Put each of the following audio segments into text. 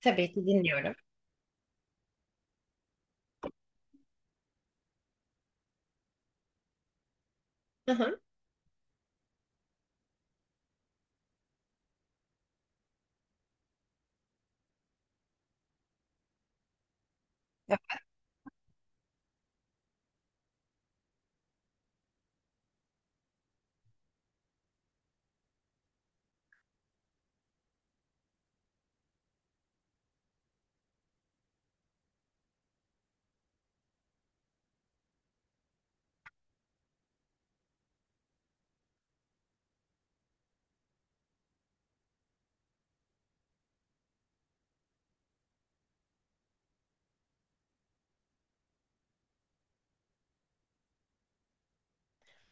Tabii ki dinliyorum. Hı hı,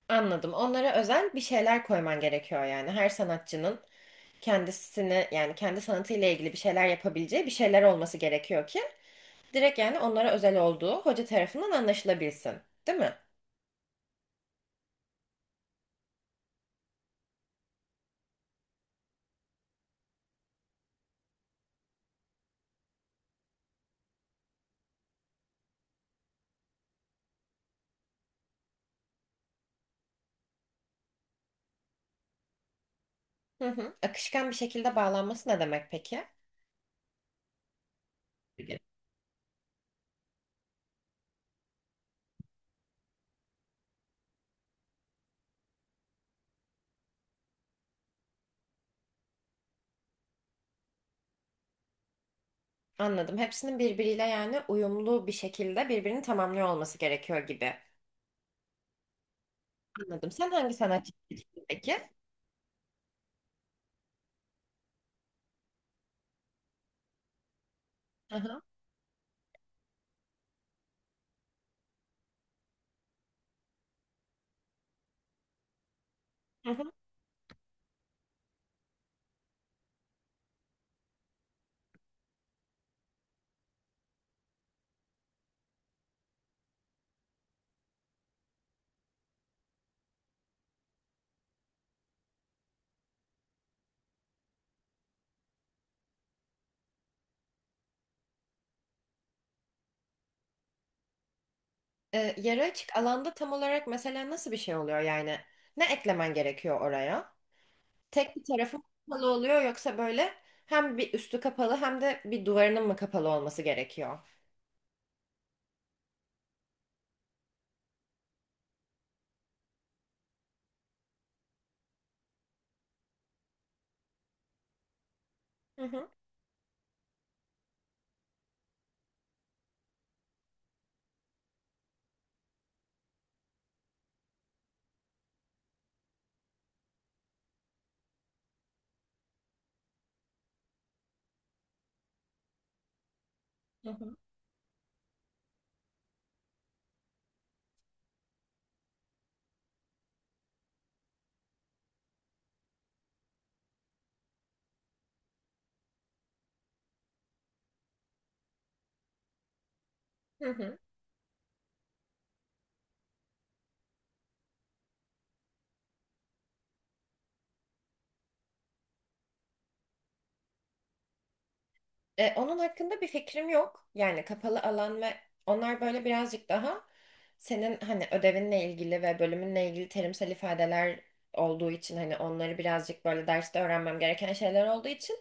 anladım. Onlara özel bir şeyler koyman gerekiyor yani. Her sanatçının kendisini yani kendi sanatıyla ilgili bir şeyler yapabileceği bir şeyler olması gerekiyor ki direkt yani onlara özel olduğu hoca tarafından anlaşılabilsin. Değil mi? Hı hı. Akışkan bir şekilde bağlanması ne demek peki? Peki. Anladım. Hepsinin birbiriyle yani uyumlu bir şekilde birbirini tamamlıyor olması gerekiyor gibi. Anladım. Sen hangi sanatçı seçtin peki? Hı hı. Hı hı. Yarı açık alanda tam olarak mesela nasıl bir şey oluyor yani? Ne eklemen gerekiyor oraya? Tek bir tarafı mı kapalı oluyor yoksa böyle hem bir üstü kapalı hem de bir duvarının mı kapalı olması gerekiyor? Hı hı. Hı hı. Hı hı. Onun hakkında bir fikrim yok. Yani kapalı alan ve onlar böyle birazcık daha senin hani ödevinle ilgili ve bölümünle ilgili terimsel ifadeler olduğu için hani onları birazcık böyle derste öğrenmem gereken şeyler olduğu için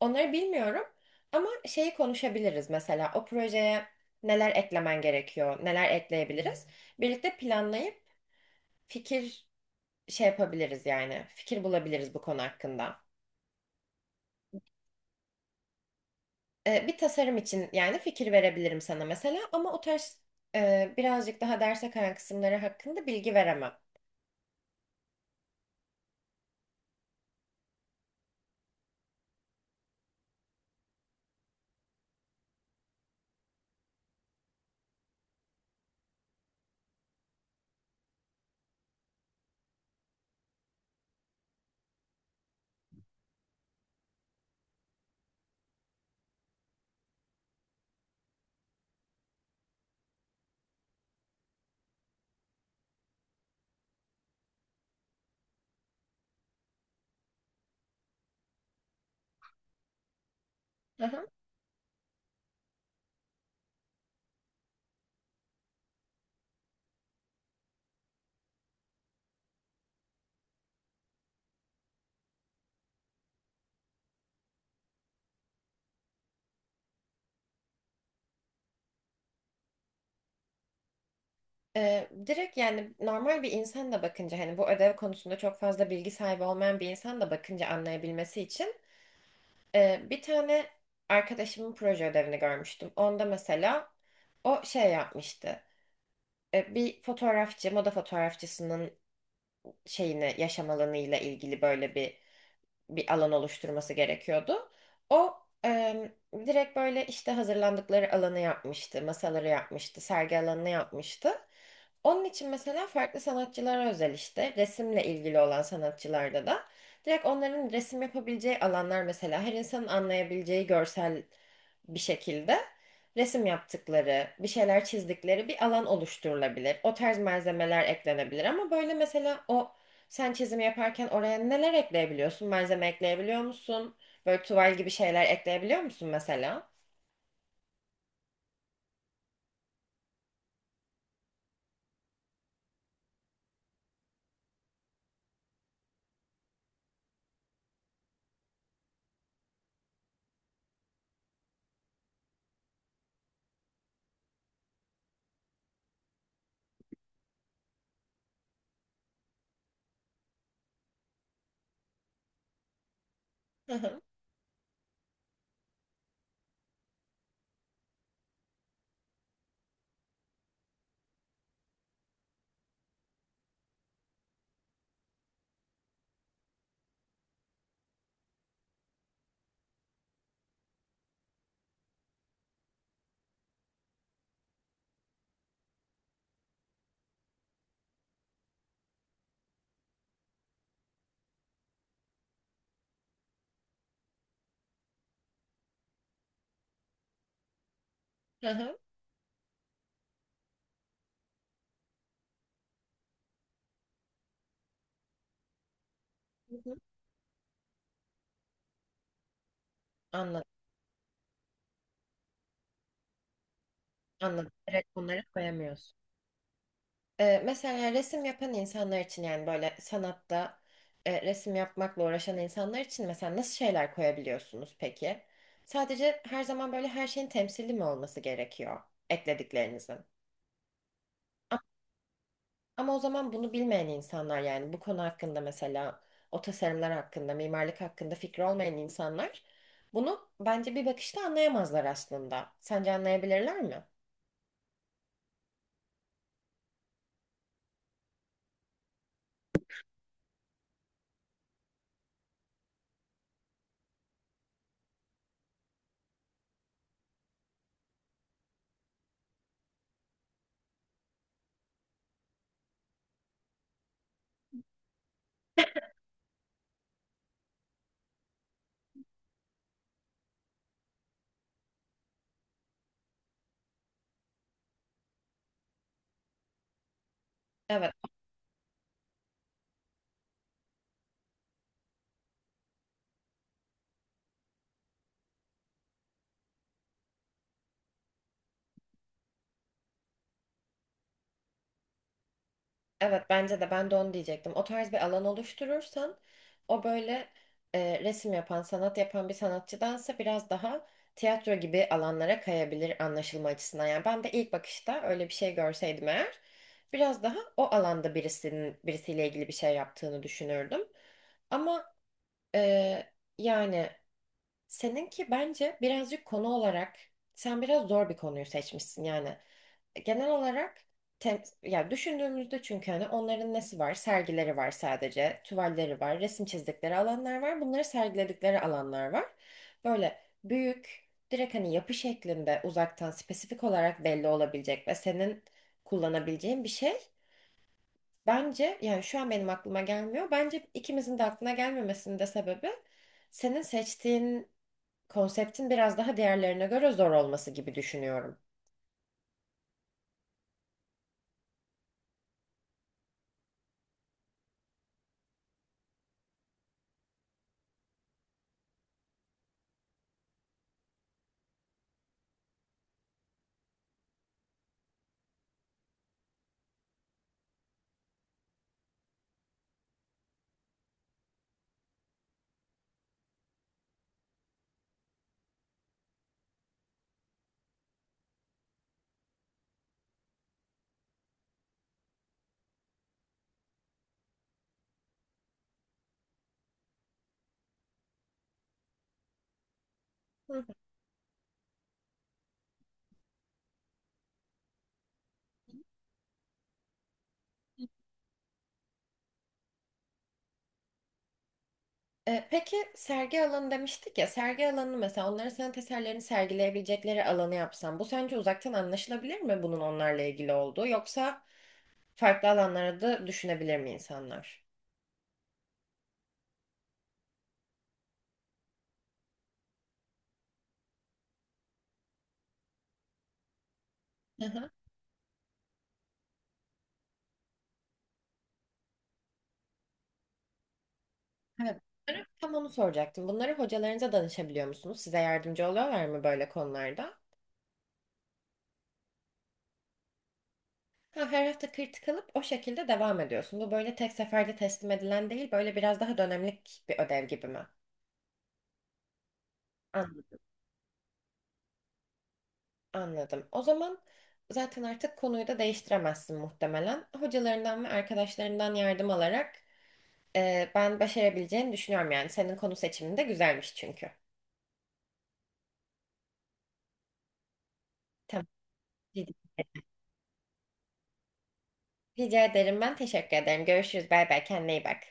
onları bilmiyorum. Ama şeyi konuşabiliriz mesela o projeye neler eklemen gerekiyor, neler ekleyebiliriz. Birlikte planlayıp fikir şey yapabiliriz yani fikir bulabiliriz bu konu hakkında. Bir tasarım için yani fikir verebilirim sana mesela ama o tarz birazcık daha derse kayan kısımları hakkında bilgi veremem. Aha. Direkt yani normal bir insan da bakınca hani bu ödev konusunda çok fazla bilgi sahibi olmayan bir insan da bakınca anlayabilmesi için bir tane arkadaşımın proje ödevini görmüştüm. Onda mesela o şey yapmıştı. Bir fotoğrafçı, moda fotoğrafçısının şeyini, yaşam alanı ile ilgili böyle bir bir alan oluşturması gerekiyordu. O em, direkt böyle işte hazırlandıkları alanı yapmıştı, masaları yapmıştı, sergi alanını yapmıştı. Onun için mesela farklı sanatçılara özel işte resimle ilgili olan sanatçılarda da direkt onların resim yapabileceği alanlar mesela her insanın anlayabileceği görsel bir şekilde resim yaptıkları, bir şeyler çizdikleri bir alan oluşturulabilir. O tarz malzemeler eklenebilir ama böyle mesela o sen çizimi yaparken oraya neler ekleyebiliyorsun? Malzeme ekleyebiliyor musun? Böyle tuval gibi şeyler ekleyebiliyor musun mesela? Hı hı, hı hı. Hı hı. Anladım, anladım. Evet, bunları koyamıyoruz. Mesela yani, resim yapan insanlar için yani böyle sanatta resim yapmakla uğraşan insanlar için mesela nasıl şeyler koyabiliyorsunuz peki? Sadece her zaman böyle her şeyin temsili mi olması gerekiyor eklediklerinizin? A- Ama o zaman bunu bilmeyen insanlar yani bu konu hakkında mesela o tasarımlar hakkında, mimarlık hakkında fikri olmayan insanlar bunu bence bir bakışta anlayamazlar aslında. Sence anlayabilirler mi? Evet. Evet bence de ben de onu diyecektim. O tarz bir alan oluşturursan o böyle resim yapan, sanat yapan bir sanatçıdansa biraz daha tiyatro gibi alanlara kayabilir anlaşılma açısından. Yani ben de ilk bakışta öyle bir şey görseydim eğer biraz daha o alanda birisinin birisiyle ilgili bir şey yaptığını düşünürdüm. Ama e, yani seninki bence birazcık konu olarak sen biraz zor bir konuyu seçmişsin yani genel olarak yani düşündüğümüzde çünkü hani onların nesi var? Sergileri var sadece, tuvalleri var, resim çizdikleri alanlar var. Bunları sergiledikleri alanlar var. Böyle büyük, direkt hani yapı şeklinde uzaktan spesifik olarak belli olabilecek ve senin kullanabileceğin bir şey. Bence yani şu an benim aklıma gelmiyor. Bence ikimizin de aklına gelmemesinin de sebebi senin seçtiğin konseptin biraz daha diğerlerine göre zor olması gibi düşünüyorum. Hı. Peki sergi alanı demiştik ya, sergi alanı mesela onların sanat eserlerini sergileyebilecekleri alanı yapsam, bu sence uzaktan anlaşılabilir mi bunun onlarla ilgili olduğu yoksa farklı alanlara da düşünebilir mi insanlar? Hı hı. Evet. Tam onu soracaktım. Bunları hocalarınıza danışabiliyor musunuz? Size yardımcı oluyorlar mı böyle konularda? Ha, her hafta kritik alıp o şekilde devam ediyorsun. Bu böyle tek seferde teslim edilen değil, böyle biraz daha dönemlik bir ödev gibi mi? Anladım. O zaman zaten artık konuyu da değiştiremezsin muhtemelen. Hocalarından ve arkadaşlarından yardım alarak ben başarabileceğini düşünüyorum yani. Senin konu seçimin de güzelmiş çünkü. Tamam. Rica ederim. Ben teşekkür ederim. Görüşürüz. Bay bay. Kendine iyi bak.